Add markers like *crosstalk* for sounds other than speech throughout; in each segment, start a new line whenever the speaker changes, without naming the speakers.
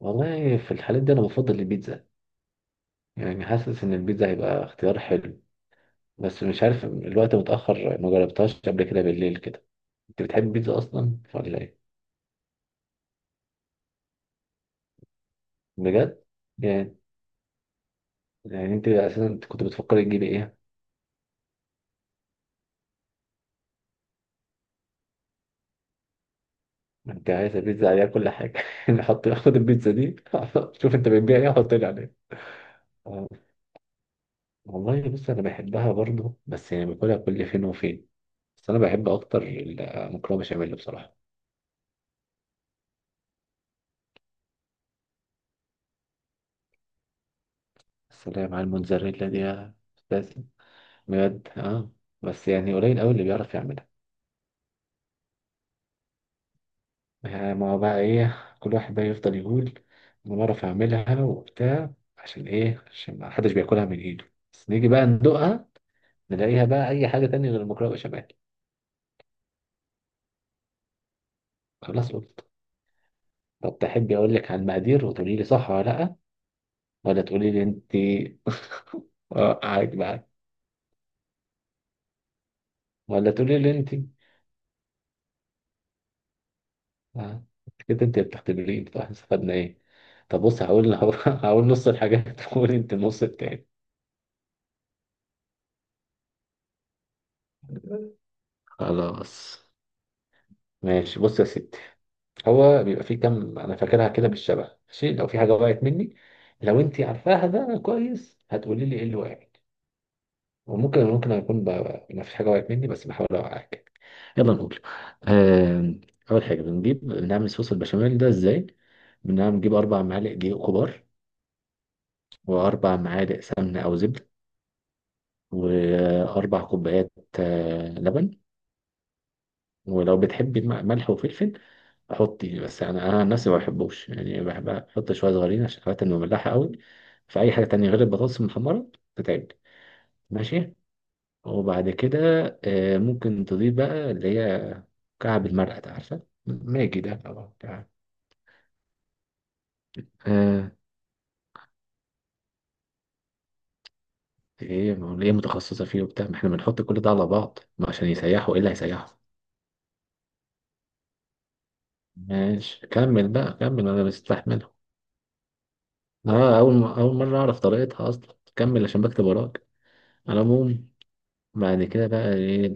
والله في الحالات دي انا بفضل البيتزا. يعني حاسس ان البيتزا هيبقى اختيار حلو. بس مش عارف، الوقت متأخر، ما جربتهاش قبل كده بالليل كده. انت بتحب البيتزا اصلا ولا ايه؟ بجد؟ يعني يعني انت اساسا كنت بتفكر تجيبي ايه؟ انت عايز البيتزا عليها كل حاجه *laughs* نحط، خد البيتزا دي. *laughs* شوف انت بتبيع ايه، حط لي عليها. آه، والله بص، انا بحبها برضو، بس يعني باكلها كل فين وفين. بس انا بحب اكتر المكرونه بشاميل، بصراحه. بس اللي هي مع الموتزاريلا دي يا أستاذ. بجد، اه. بس يعني قليل قوي اللي بيعرف يعملها. يعني ما هو بقى ايه، كل واحد بقى يفضل يقول: انا بعرف اعملها وبتاع. عشان ايه؟ عشان ما حدش بياكلها من ايده، بس نيجي بقى ندوقها، نلاقيها بقى اي حاجه تانية غير المكرونه بشاميل. خلاص قلت. طب تحبي اقول لك على المقادير وتقولي لي صح ولا لا؟ ولا تقولي لي انت؟ اه، قاعد بقى. ولا تقولي لي انت؟ آه. كده انت بتختبرين؟ طب احنا استفدنا ايه؟ طب بص، هقول *laughs* هقول نص الحاجات وقولي انت النص التاني. خلاص. ماشي، بص يا ستي. هو بيبقى فيه كام، انا فاكرها كده بالشبه، ماشي، لو في حاجه وقعت مني، لو انت عارفاها ده كويس، هتقولي لي ايه اللي وقعت. وممكن ممكن اكون ما فيش حاجه وقعت مني، بس بحاول اوقعك. يلا نقول. آم، اول حاجه، بنجيب بنعمل صوص البشاميل ده ازاي؟ بنجيب اربع معالق دقيق كبار، واربع معالق سمنه او زبده، واربع كوبايات لبن. ولو بتحبي ملح وفلفل، احط يعني، بس يعني انا عن نفسي ما بحبوش، يعني بحب احط شويه صغيرين عشان خاطر انه مملحه قوي. فاي حاجه تانية غير البطاطس المحمره تتعب. ماشي. وبعد كده آه، ممكن تضيف بقى اللي هي كعب المرقه ده، عارفه ماجي ده طبعا كعب. آه. ايه، ما هو ليه متخصصه فيه وبتاع، ما احنا بنحط كل ده على بعض ما عشان يسيحوا، ايه اللي هيسيحوا؟ ماشي كمل بقى، كمل انا مستحمله. اه، اول اول مره اعرف طريقتها اصلا، كمل عشان بكتب وراك. على العموم، بعد كده بقى ايه؟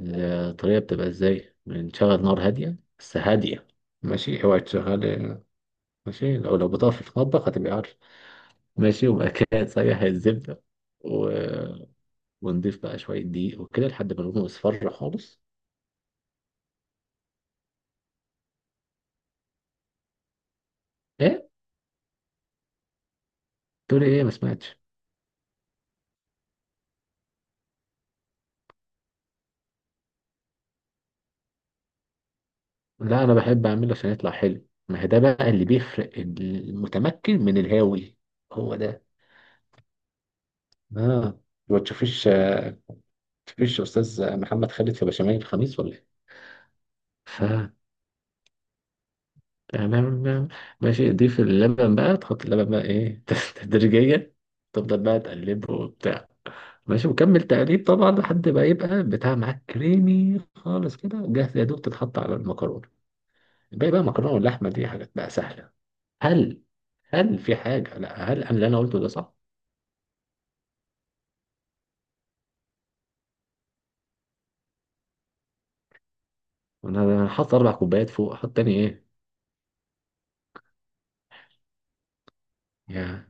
الطريقة بتبقى ازاي؟ بنشغل نار هادية، بس هادية. ماشي، اوعي تشغل. ماشي، لو بتقف في المطبخ هتبقى عارف. ماشي، وبعد كده *laughs* تسيح الزبدة و... ونضيف بقى شوية دقيق وكده لحد ما لونه يصفر خالص. ايه؟ تقولي ايه؟ ما سمعتش. لا، انا بحب اعمله عشان يطلع حلو، ما هي ده بقى اللي بيفرق المتمكن من الهاوي. هو ده. اه، ما تشوفيش؟ تشوفيش استاذ محمد خالد في بشاميل الخميس ولا ايه؟ ف تمام بقى. ماشي، ضيف اللبن بقى، تحط اللبن بقى ايه *laughs* تدريجيا. تفضل بقى تقلبه وبتاع. ماشي، وكمل تقليب طبعا لحد ما يبقى بتاع معاك كريمي خالص، كده جاهز يا دوب تتحط على المكرونة. الباقي بقى مكرونة واللحمة، دي حاجات بقى سهلة. هل هل في حاجة؟ لا، هل أنا اللي قلته ده صح؟ أنا هحط أربع كوبايات فوق، أحط تاني إيه؟ يا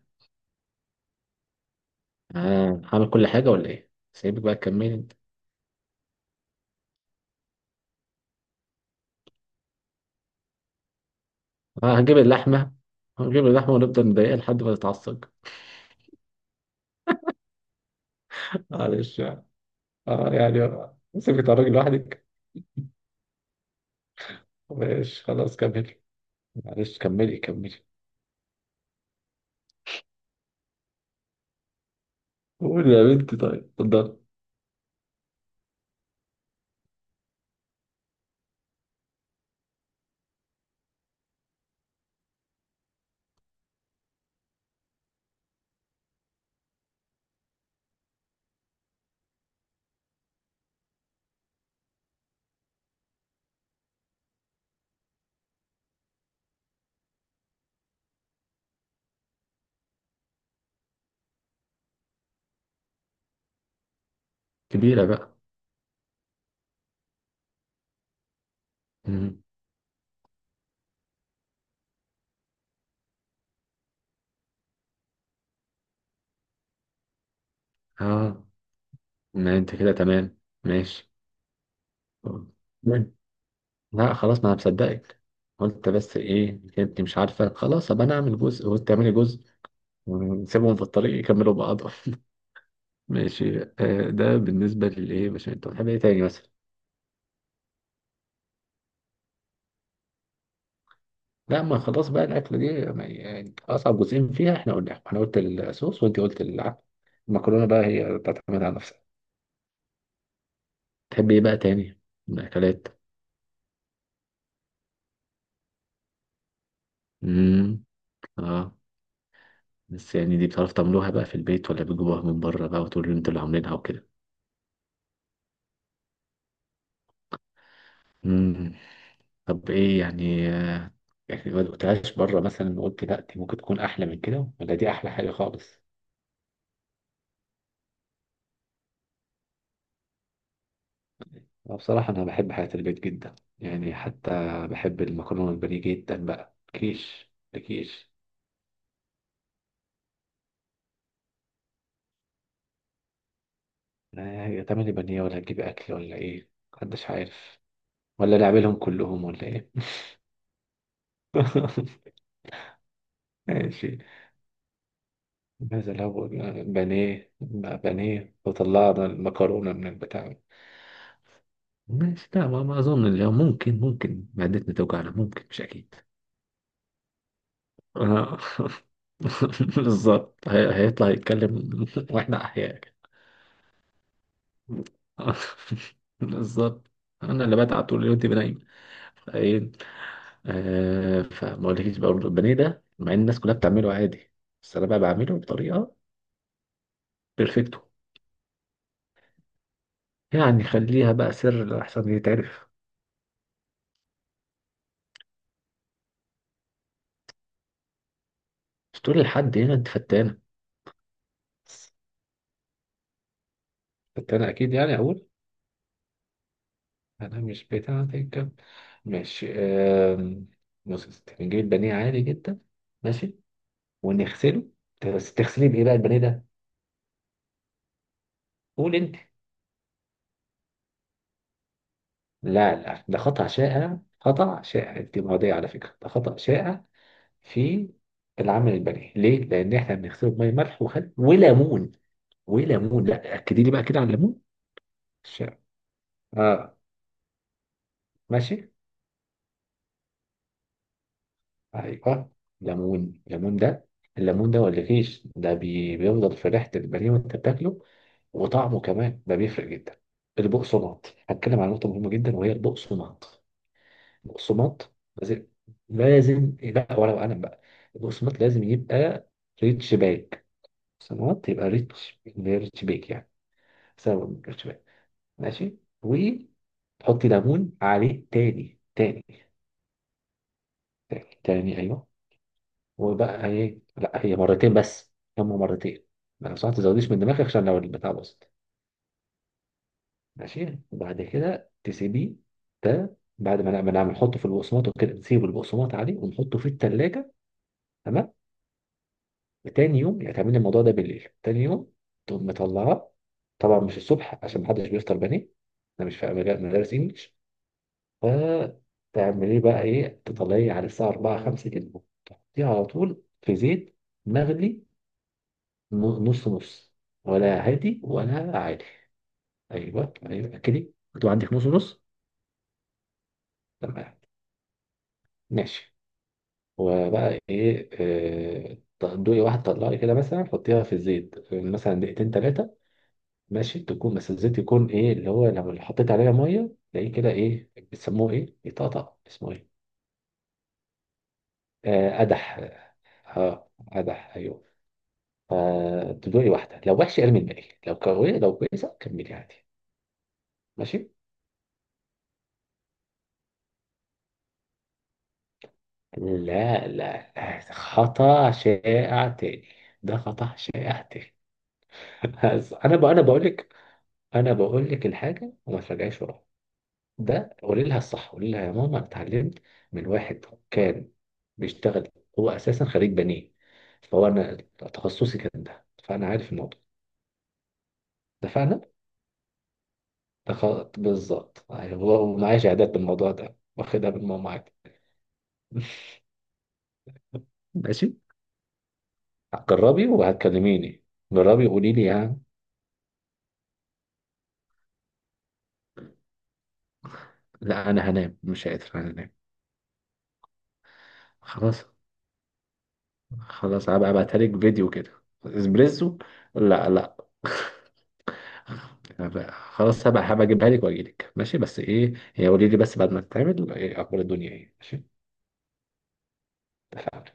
آه، هعمل كل حاجة ولا إيه؟ سيبك بقى تكملي أنت. آه، هجيب اللحمة، هنجيب اللحمة ونفضل نضايقها لحد ما تتعصب. *laughs* معلش. اه، يعني سيبك تتعرجي لوحدك. ماشي خلاص، كملي. معلش، كملي كملي. قول يا بنتي، طيب اتفضل. كبيرة بقى. مم. اه، ما انت كده تمام. ماشي. مم. لا خلاص، ما انا مصدقك. قلت، بس ايه، انت مش عارفة، خلاص ابقى انا اعمل جزء وانت تعملي جزء، ونسيبهم في الطريق يكملوا بعضهم *laughs* ماشي، آه. ده بالنسبة للايه، مش انت بتحب ايه تاني مثلا؟ لا، ما خلاص بقى الاكله دي، يعني اصعب جزئين فيها احنا قلنا: انا قلت الصوص وانت قلت العدس. المكرونه بقى هي تعتمد على نفسها. تحب ايه بقى تاني من الاكلات؟ امم. اه. بس يعني، دي بتعرف تعملوها بقى في البيت، ولا بتجيبوها من بره بقى وتقولوا انتوا اللي عاملينها وكده؟ امم. طب ايه يعني يعني ما دقتهاش بره مثلا قلت لا دي ممكن تكون احلى من كده، ولا دي احلى حاجه خالص؟ أنا بصراحه، انا بحب حاجات البيت جدا، يعني حتى بحب المكرونه البانيه جدا، بقى كيش ده كيش. آه، هتعمل لي بانيه ولا هتجيب أكل ولا إيه؟ محدش عارف. ولا نعملهم كلهم ولا إيه؟ *laughs* ماشي. ماذا لو، بانيه بانيه وطلعنا المكرونة من البتاع؟ ماشي، لا، ما أظن اليوم، ممكن معدتنا توجعنا، ممكن مش أكيد. آه. *laughs* بالظبط، هيطلع يتكلم *laughs* وإحنا أحياء. *laughs* بالظبط، أنا اللي بتعب طول اليوم تبقى ايه. فما اقولكيش بقى برضه البانيه ده، مع ان الناس كلها بتعمله عادي، بس انا بقى بعمله بطريقه بيرفكتو، يعني خليها بقى سر احسن يتعرف. مش تقول لحد؟ هنا انت فتانه. بس فتانه اكيد، يعني اقول؟ انا مش بتاعتك. ماشي، بص يا ستي، نجيب البانيه عادي جدا. ماشي، ونغسله. بس تغسليه بايه بقى البانيه ده؟ قول انت. لا لا، ده خطأ شائع، خطأ شائع، انت معدية على فكرة، ده خطأ شائع في العمل البني. ليه؟ لأن إحنا بنغسله بمية ملح وخل وليمون. وليمون، لا، أكدي لي بقى كده على الليمون. ش- آه. ماشي، أيوه. ليمون ليمون ده، الليمون ده ولا فيش، ده بيفضل في ريحة البانيه وأنت بتاكله، وطعمه كمان ده بيفرق جدا. البقسماط، هتكلم عن نقطة مهمة جدا وهي البقسماط. البقسماط لازم، لازم، لا، ولا وقلم بقى، البقسماط لازم يبقى ريتش باك، بقسماط يبقى ريتش باك يعني، سبب من الارتباك. ماشي، وتحطي ليمون عليه تاني تاني، تاني تاني، ايوه. وبقى ايه؟ لا هي مرتين بس، هم مرتين. لو صح ما تزوديش من دماغك، عشان لو البتاع باظت. ماشي، وبعد كده تسيبيه. ده بعد ما نعمل، نحطه في البقسماط وكده، نسيب البقسماط عليه ونحطه في التلاجة. تمام. تاني يوم يعني تعملي الموضوع ده بالليل، تاني يوم تقوم مطلعاه، طبعا مش الصبح عشان محدش بيفطر بني، ده مش في مدارس انجلش. فتعمليه بقى ايه، تطلعيه على الساعة 4 5 كده، تحطيه على طول في زيت مغلي، ن- نص نص، ولا هادي ولا عالي. ايوه ايوه كده. انتوا عندك نص نص. تمام. ماشي، وبقى ايه؟ آه، دوقي واحد، طلعي كده مثلا، حطيها في الزيت مثلا دقيقتين ثلاثة. ماشي، تكون بس الزيت يكون ايه اللي هو، لو اللي حطيت عليها مية تلاقيه كده ايه بيسموه، ايه يطقطق، اسمه ايه؟ آه، قدح. اه، قدح، ايوه. فتدوقي واحدة، لو وحش ارمي الباقي، لو كويسة كملي عادي. ماشي. لا لا لا، خطأ شائع تاني، ده خطأ شائع تاني. بس انا بقول لك، انا بقول لك الحاجة وما تراجعيش وراها. ده قولي لها الصح، قولي لها يا ماما: انا اتعلمت من واحد كان بيشتغل، هو اساسا خريج بنيه، انا تخصصي كان ده، فانا عارف الموضوع. اتفقنا. ده خ... بالظبط أيوة، ومعايا شهادات بالموضوع ده واخدها من ماما عادي. *laughs* ماشي، جربي وهتكلميني. جربي قولي لي يعني. لا انا هنام، مش قادر، انا هنام. خلاص، خلاص هبقى ابعتها لك فيديو كده. اسبريسو؟ لا لا. *laughs* خلاص هبقى اجيبها لك واجي لك، ماشي، بس ايه هي، قولي لي بس بعد ما تتعمل ايه اخبار الدنيا ايه، ماشي. اتفقنا.